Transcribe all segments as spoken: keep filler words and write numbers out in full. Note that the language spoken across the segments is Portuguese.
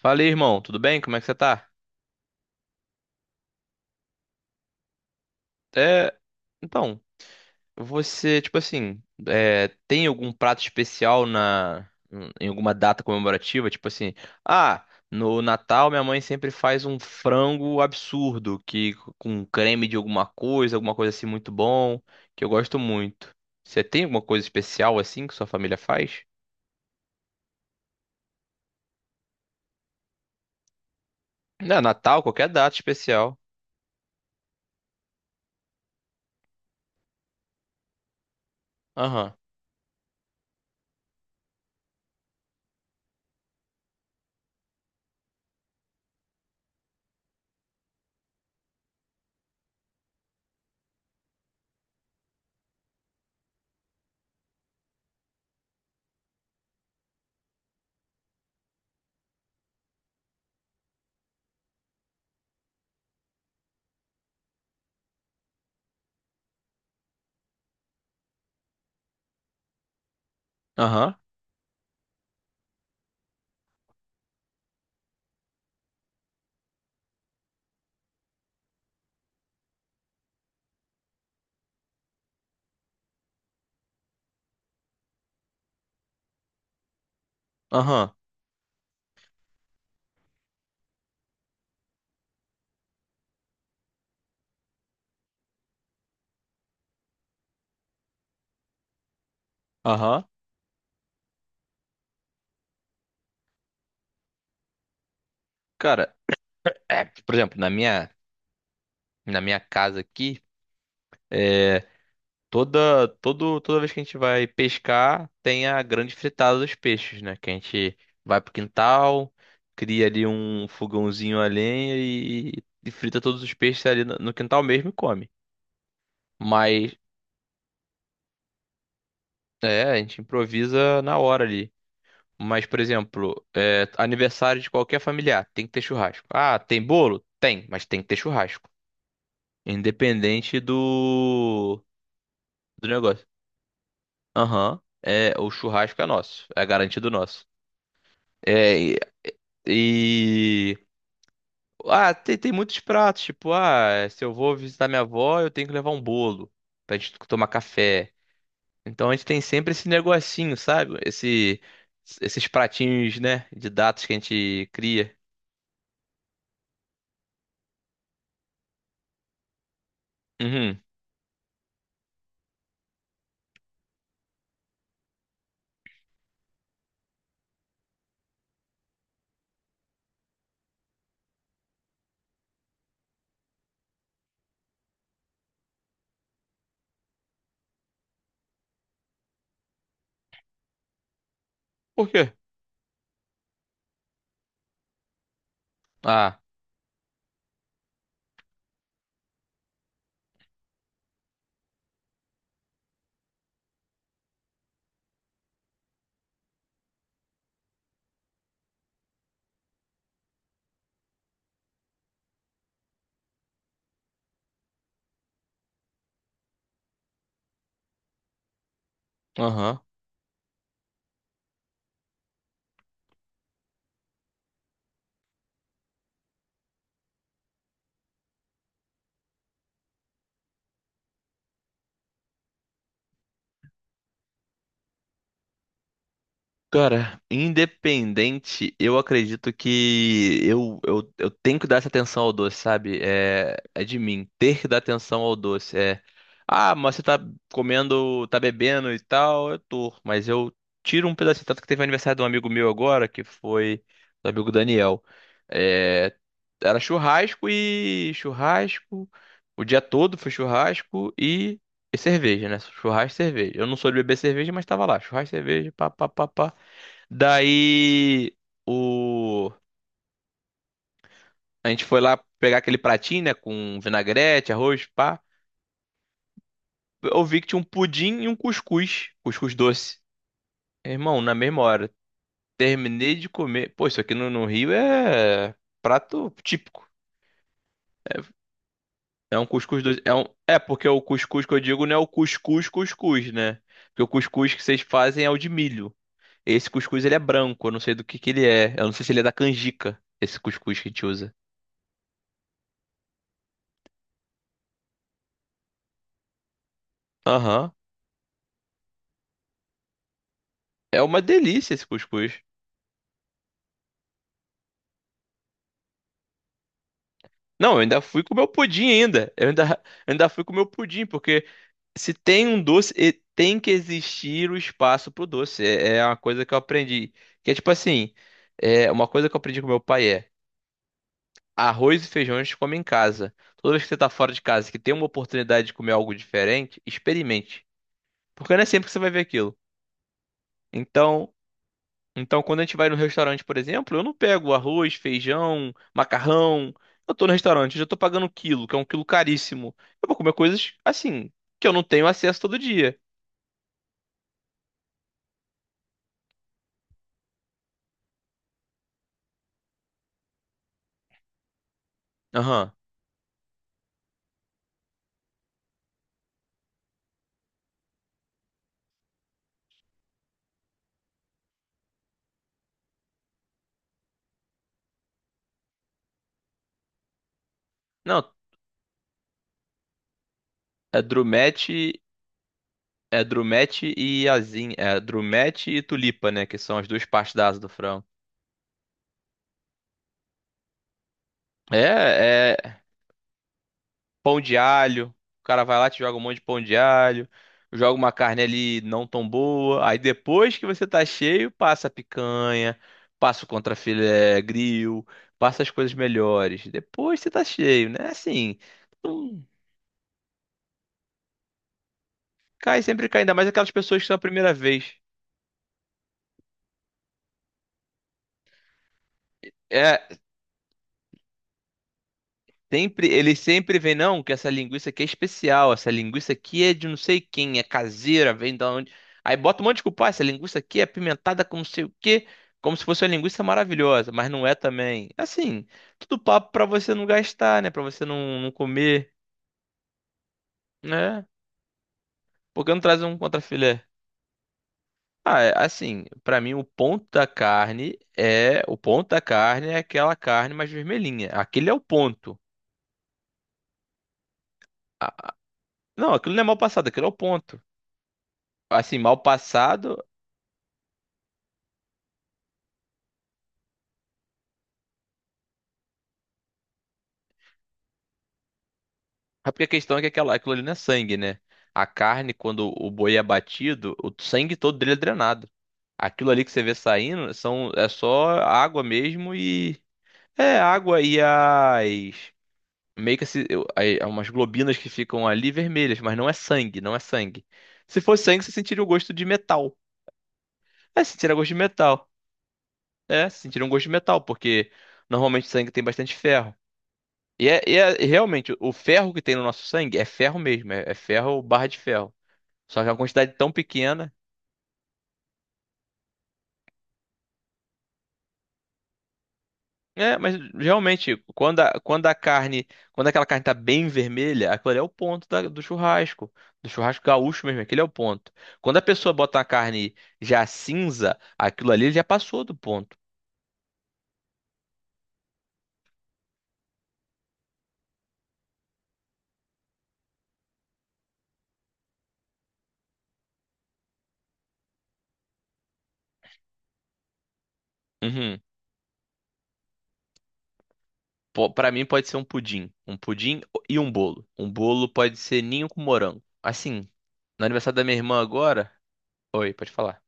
Fala aí, irmão, tudo bem? Como é que você tá? É, então, você, tipo assim, é, tem algum prato especial na em alguma data comemorativa? Tipo assim, ah, no Natal minha mãe sempre faz um frango absurdo, que com creme de alguma coisa, alguma coisa assim muito bom, que eu gosto muito. Você tem alguma coisa especial assim que sua família faz? Não, Natal, qualquer data especial. Aham. Aham. Aham. Aham. Cara, é, por exemplo, na minha na minha casa aqui, é, toda, todo, toda vez que a gente vai pescar, tem a grande fritada dos peixes, né? Que a gente vai pro quintal, cria ali um fogãozinho a lenha e, e frita todos os peixes ali no, no quintal mesmo e come. Mas, é, a gente improvisa na hora ali. Mas, por exemplo, é, aniversário de qualquer familiar, tem que ter churrasco. Ah, tem bolo? Tem, mas tem que ter churrasco. Independente do, do negócio. Aham. É, o churrasco é nosso. É garantido nosso. É, e... e- Ah, tem, tem muitos pratos. Tipo, ah, se eu vou visitar minha avó, eu tenho que levar um bolo pra gente tomar café. Então a gente tem sempre esse negocinho, sabe? Esse... Esses pratinhos, né? De datas que a gente cria. Uhum. Por quê? Ah, aham. Cara, independente, eu acredito que eu, eu, eu tenho que dar essa atenção ao doce, sabe? É, é de mim, ter que dar atenção ao doce. É, ah, mas você tá comendo, tá bebendo e tal, eu tô, mas eu tiro um pedacinho. Tanto que teve o aniversário de um amigo meu agora, que foi do amigo Daniel. É, era churrasco e churrasco, o dia todo foi churrasco e, e cerveja, né? Churrasco e cerveja. Eu não sou de beber cerveja, mas tava lá, churrasco e cerveja, pá, pá, pá, pá. Daí o a gente foi lá pegar aquele pratinho, né, com vinagrete, arroz, pá. Eu vi que tinha um pudim e um cuscuz, cuscuz doce. Irmão, na mesma hora, terminei de comer. Pô, isso aqui no, no Rio é prato típico. É, é um cuscuz doce. É, um... é, porque o cuscuz que eu digo não é o cuscuz cuscuz, né? Porque o cuscuz que vocês fazem é o de milho. Esse cuscuz ele é branco, eu não sei do que que ele é. Eu não sei se ele é da canjica, esse cuscuz que a gente usa. Aham, é uma delícia esse cuscuz. Não, eu ainda fui com o meu pudim ainda. Eu ainda, eu ainda fui com o meu pudim, porque se tem um doce, e- tem que existir o espaço pro doce. É, é uma coisa que eu aprendi. Que é tipo assim, é uma coisa que eu aprendi com meu pai é arroz e feijão a gente come em casa. Toda vez que você tá fora de casa, que tem uma oportunidade de comer algo diferente, experimente. Porque não é sempre que você vai ver aquilo. Então, Então, quando a gente vai no restaurante, por exemplo, eu não pego arroz, feijão, macarrão. Eu tô no restaurante, eu já tô pagando um quilo, que é um quilo caríssimo. Eu vou comer coisas assim, que eu não tenho acesso todo dia. Aham. Não, é drumete, é drumete e asinha, é drumete e tulipa, né, que são as duas partes da asa do frango. É, pão de alho. O cara vai lá, te joga um monte de pão de alho, joga uma carne ali não tão boa. Aí depois que você tá cheio, passa a picanha, passa o contrafilé grill, passa as coisas melhores. Depois você tá cheio, né? Assim, não cai, sempre cai, ainda mais aquelas pessoas que são a primeira vez. É, sempre, ele sempre vem, não, que essa linguiça aqui é especial, essa linguiça aqui é de não sei quem, é caseira, vem da onde. Aí bota um monte de culpa, "Ah, essa linguiça aqui é apimentada com não sei o quê, como se fosse uma linguiça maravilhosa, mas não é também. Assim, tudo papo pra você não gastar, né? Pra você não, não comer, né? Por que não traz um contrafilé? Ah, é, assim, pra mim o ponto da carne é, o ponto da carne é aquela carne mais vermelhinha. Aquele é o ponto. Ah, não, aquilo não é mal passado, aquilo é o ponto assim, mal passado. É porque a questão é que aquela, aquilo ali não é sangue, né? A carne, quando o boi é abatido, o sangue todo dele é drenado. Aquilo ali que você vê saindo são, é só água mesmo e. É, água e as. Meio que se, eu- aí, há umas globinas que ficam ali vermelhas, mas não é sangue, não é sangue. Se fosse sangue, você sentiria o gosto de metal. É, sentiria gosto de metal. É, sentiria um gosto de metal, porque normalmente sangue tem bastante ferro. E é, e é- e realmente, o ferro que tem no nosso sangue é ferro mesmo, é é ferro barra de ferro. Só que é uma quantidade tão pequena. É, mas realmente, quando a, quando a carne, quando aquela carne tá bem vermelha, aquilo ali é o ponto da- do churrasco. Do churrasco gaúcho mesmo, aquele é o ponto. Quando a pessoa bota a carne já cinza, aquilo ali já passou do ponto. Uhum. Po- Pra mim pode ser um pudim. Um pudim e um bolo. Um bolo pode ser ninho com morango. Assim, no aniversário da minha irmã agora. Oi, pode falar.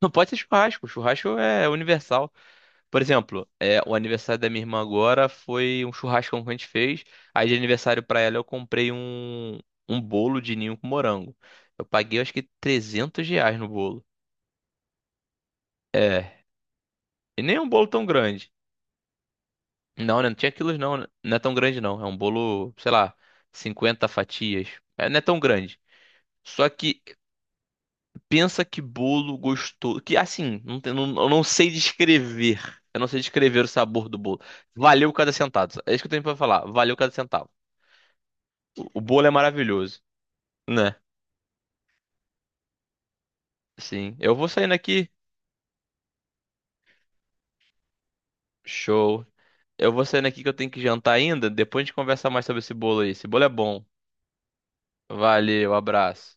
Não pode ser churrasco. Churrasco é universal. Por exemplo, é, o aniversário da minha irmã agora foi um churrascão que a gente fez. Aí de aniversário pra ela eu comprei um, um bolo de ninho com morango. Eu paguei acho que trezentos reais no bolo. É, e nem é um bolo tão grande. Não, né? Não tinha quilos não, né? Não é tão grande não. É um bolo, sei lá, cinquenta fatias. É, não é tão grande. Só que pensa que bolo gostoso. Que assim, não, tem- não- eu não sei descrever. Eu não sei descrever o sabor do bolo. Valeu cada centavo. É isso que eu tenho pra falar. Valeu cada centavo. O bolo é maravilhoso, né? Sim. Eu vou saindo aqui. Show. Eu vou saindo aqui que eu tenho que jantar ainda. Depois a gente conversa mais sobre esse bolo aí. Esse bolo é bom. Valeu, abraço.